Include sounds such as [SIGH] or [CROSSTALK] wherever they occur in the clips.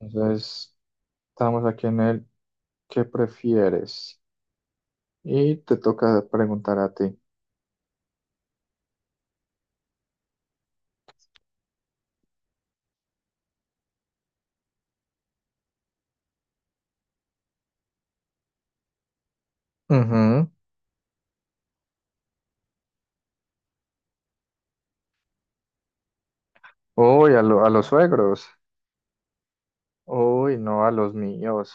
Entonces, estamos aquí en el ¿qué prefieres? Y te toca preguntar a ti. Ujú. Uy, a, lo- a los suegros. Uy, no, a los míos.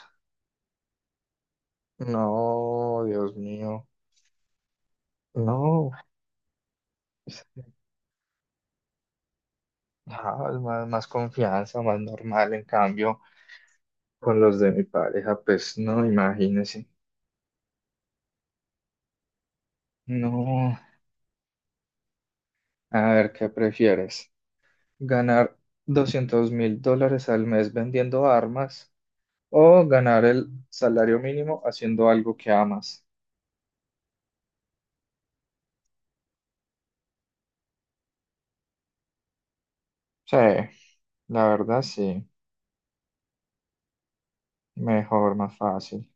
No, Dios mío. No, pues, no, es más confianza, más normal. En cambio, con los de mi pareja, pues no, imagínese. No, a ver, ¿qué prefieres? ¿Ganar $200.000 al mes vendiendo armas? O ganar el salario mínimo haciendo algo que amas. Sí, la verdad sí. Mejor, más fácil.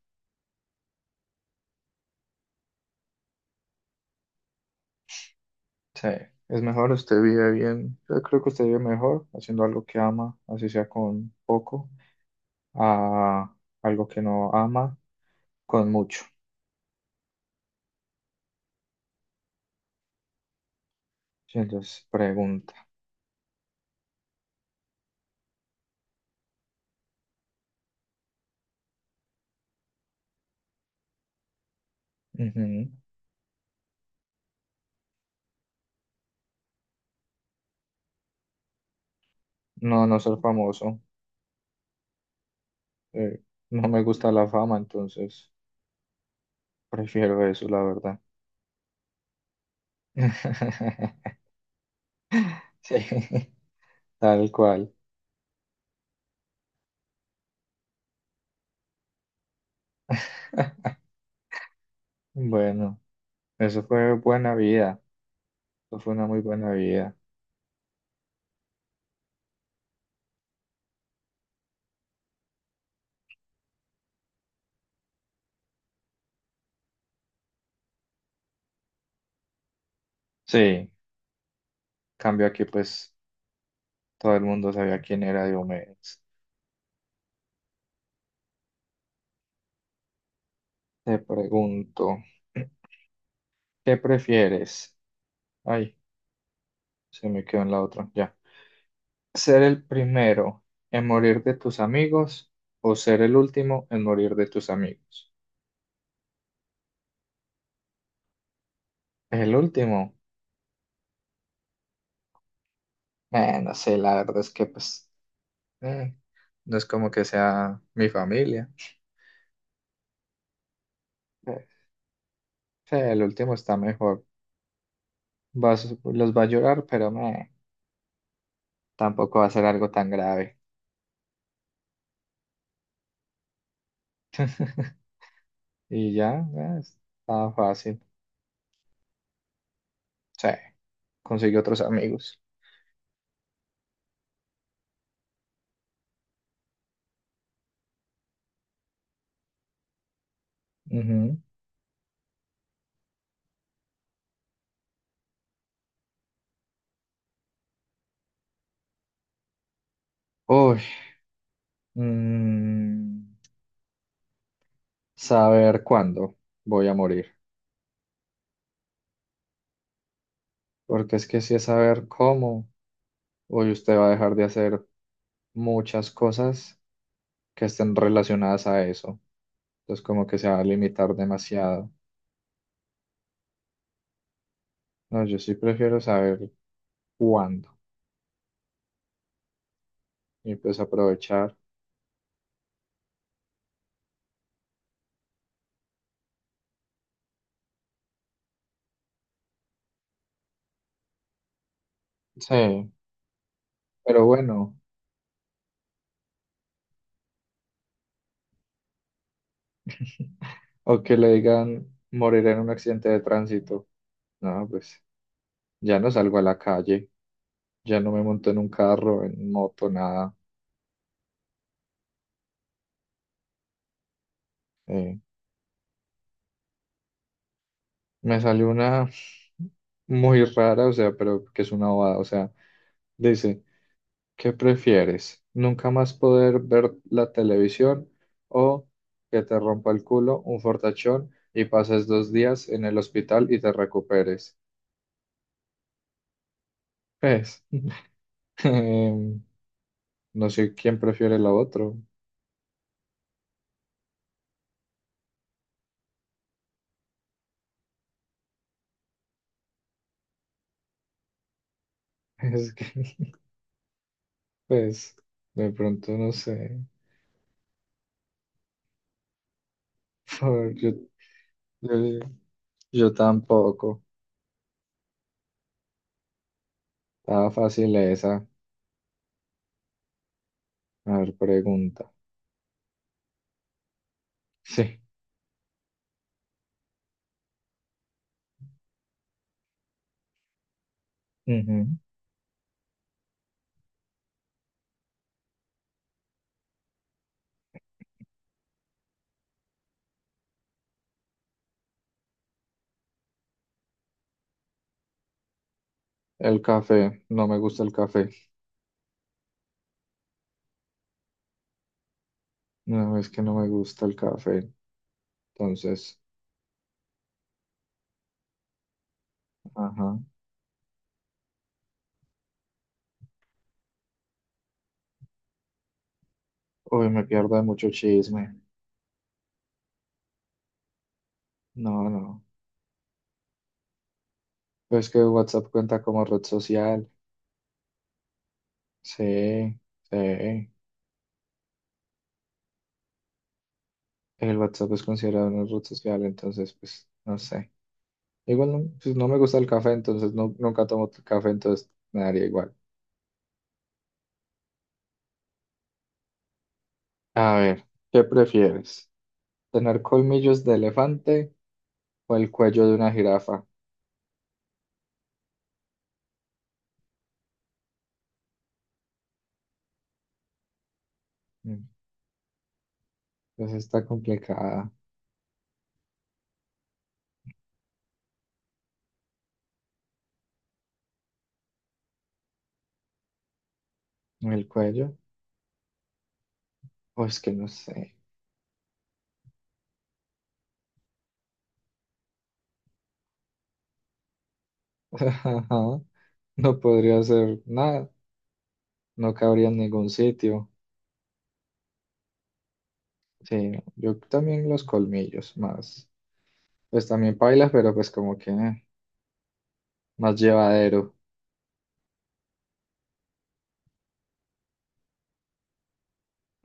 Sí, es mejor, usted vive bien. Yo creo que usted vive mejor haciendo algo que ama, así sea con poco, a algo que no ama, con mucho. Sí, entonces, pregunta. Ujú. No, no ser famoso. Eh, no me gusta la fama, entonces prefiero eso, la verdad. [LAUGHS] Sí, tal cual. [LAUGHS] Bueno. Eso fue buena vida, eso fue una muy buena vida. Sí, cambio aquí pues todo el mundo sabía quién era Diomedes. Te pregunto, [CLEARS THROAT] ¿qué prefieres? Ay, se me quedó en la otra, ya. ¿Ser el primero en morir de tus amigos o ser el último en morir de tus amigos? El último, no sé, la verdad es que pues eh, no es como que sea mi familia. Eh, sí, el último está mejor. Vas, los va a llorar, pero meh. Tampoco va a ser algo tan grave. [LAUGHS] Y ya, estaba fácil. Sí, conseguí otros amigos. Ujú. Uy, mm, saber cuándo voy a morir. Porque es que si es saber cómo, hoy usted va a dejar de hacer muchas cosas que estén relacionadas a eso. Entonces como que se va a limitar demasiado. No, yo sí prefiero saber cuándo y pues aprovechar. Sí, pero bueno. O que le digan morir en un accidente de tránsito. No, pues ya no salgo a la calle, ya no me monto en un carro, en moto, nada. Eh, Me salió una muy rara, o sea, pero que es una bobada. O sea, dice, ¿qué prefieres? ¿Nunca más poder ver la televisión o que te rompa el culo, un fortachón y pases dos días en el hospital y te recuperes? Pues, [LAUGHS] em, no sé quién prefiere lo otro. [LAUGHS] Es que... Pues de pronto no sé, [LAUGHS] por- yo, yo, yo tampoco. Estaba fácil esa. A ver, pregunta. Sí. Ujú. El café, no me gusta el café. No, es que no me gusta el café. Entonces, ajá. Uy, me pierdo de mucho chisme. No, no. Pues que WhatsApp cuenta como red social. Sí, sí. El WhatsApp es considerado una red social, entonces, pues, no sé. Igual no, pues no me gusta el café, entonces no, nunca tomo t- café, entonces me daría igual. A ver, ¿qué prefieres? ¿Tener colmillos de elefante o el cuello de una jirafa? Mm, pues está complicada. ¿El cuello? Pues que no sé. [LAUGHS] Ajá, no podría hacer nada, no cabría en ningún sitio. Sí, yo también los colmillos más. Pues también pailas, pero pues como que más llevadero.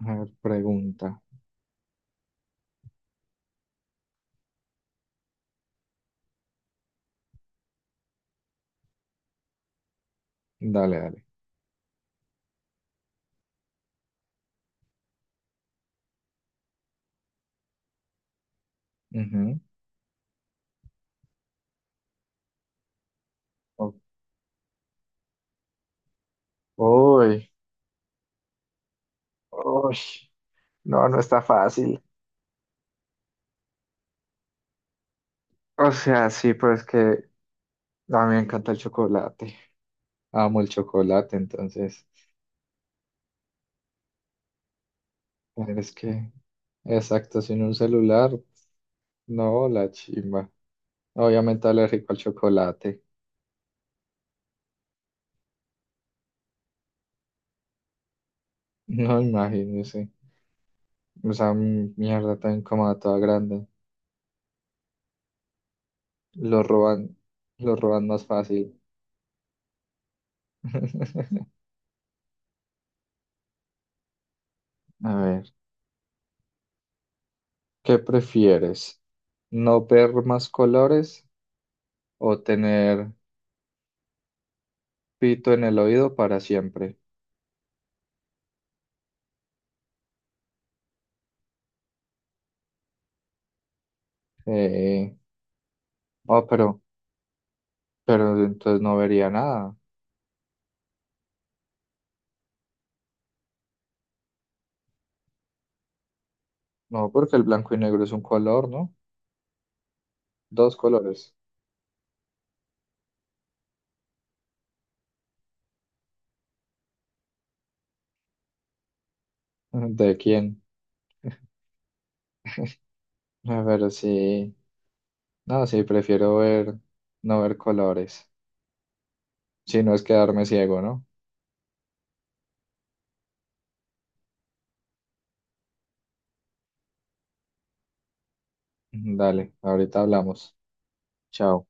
A ver, pregunta. Dale, dale. Ujú. O- Uy, Uy, no, no está fácil. O sea, sí, pero es que a mí me encanta el chocolate. Amo el chocolate, entonces. Pero es que, exacto, sin un celular, no, la chimba. Obviamente alérgico al chocolate. [LAUGHS] No, imagínese. O sea, mi mierda tan incómoda, toda grande. Lo roban, lo roban más fácil. [LAUGHS] A ver, ¿qué prefieres? ¿No ver más colores o tener pito en el oído para siempre? Eh, oh, pero entonces no vería nada. No, porque el blanco y negro es un color, ¿no? Dos colores. [LAUGHS] ¿De quién? A ver, sí. No, sí, prefiero ver, no ver colores. Si no es quedarme ciego, ¿no? [LAUGHS] Dale, ahorita hablamos. Chao.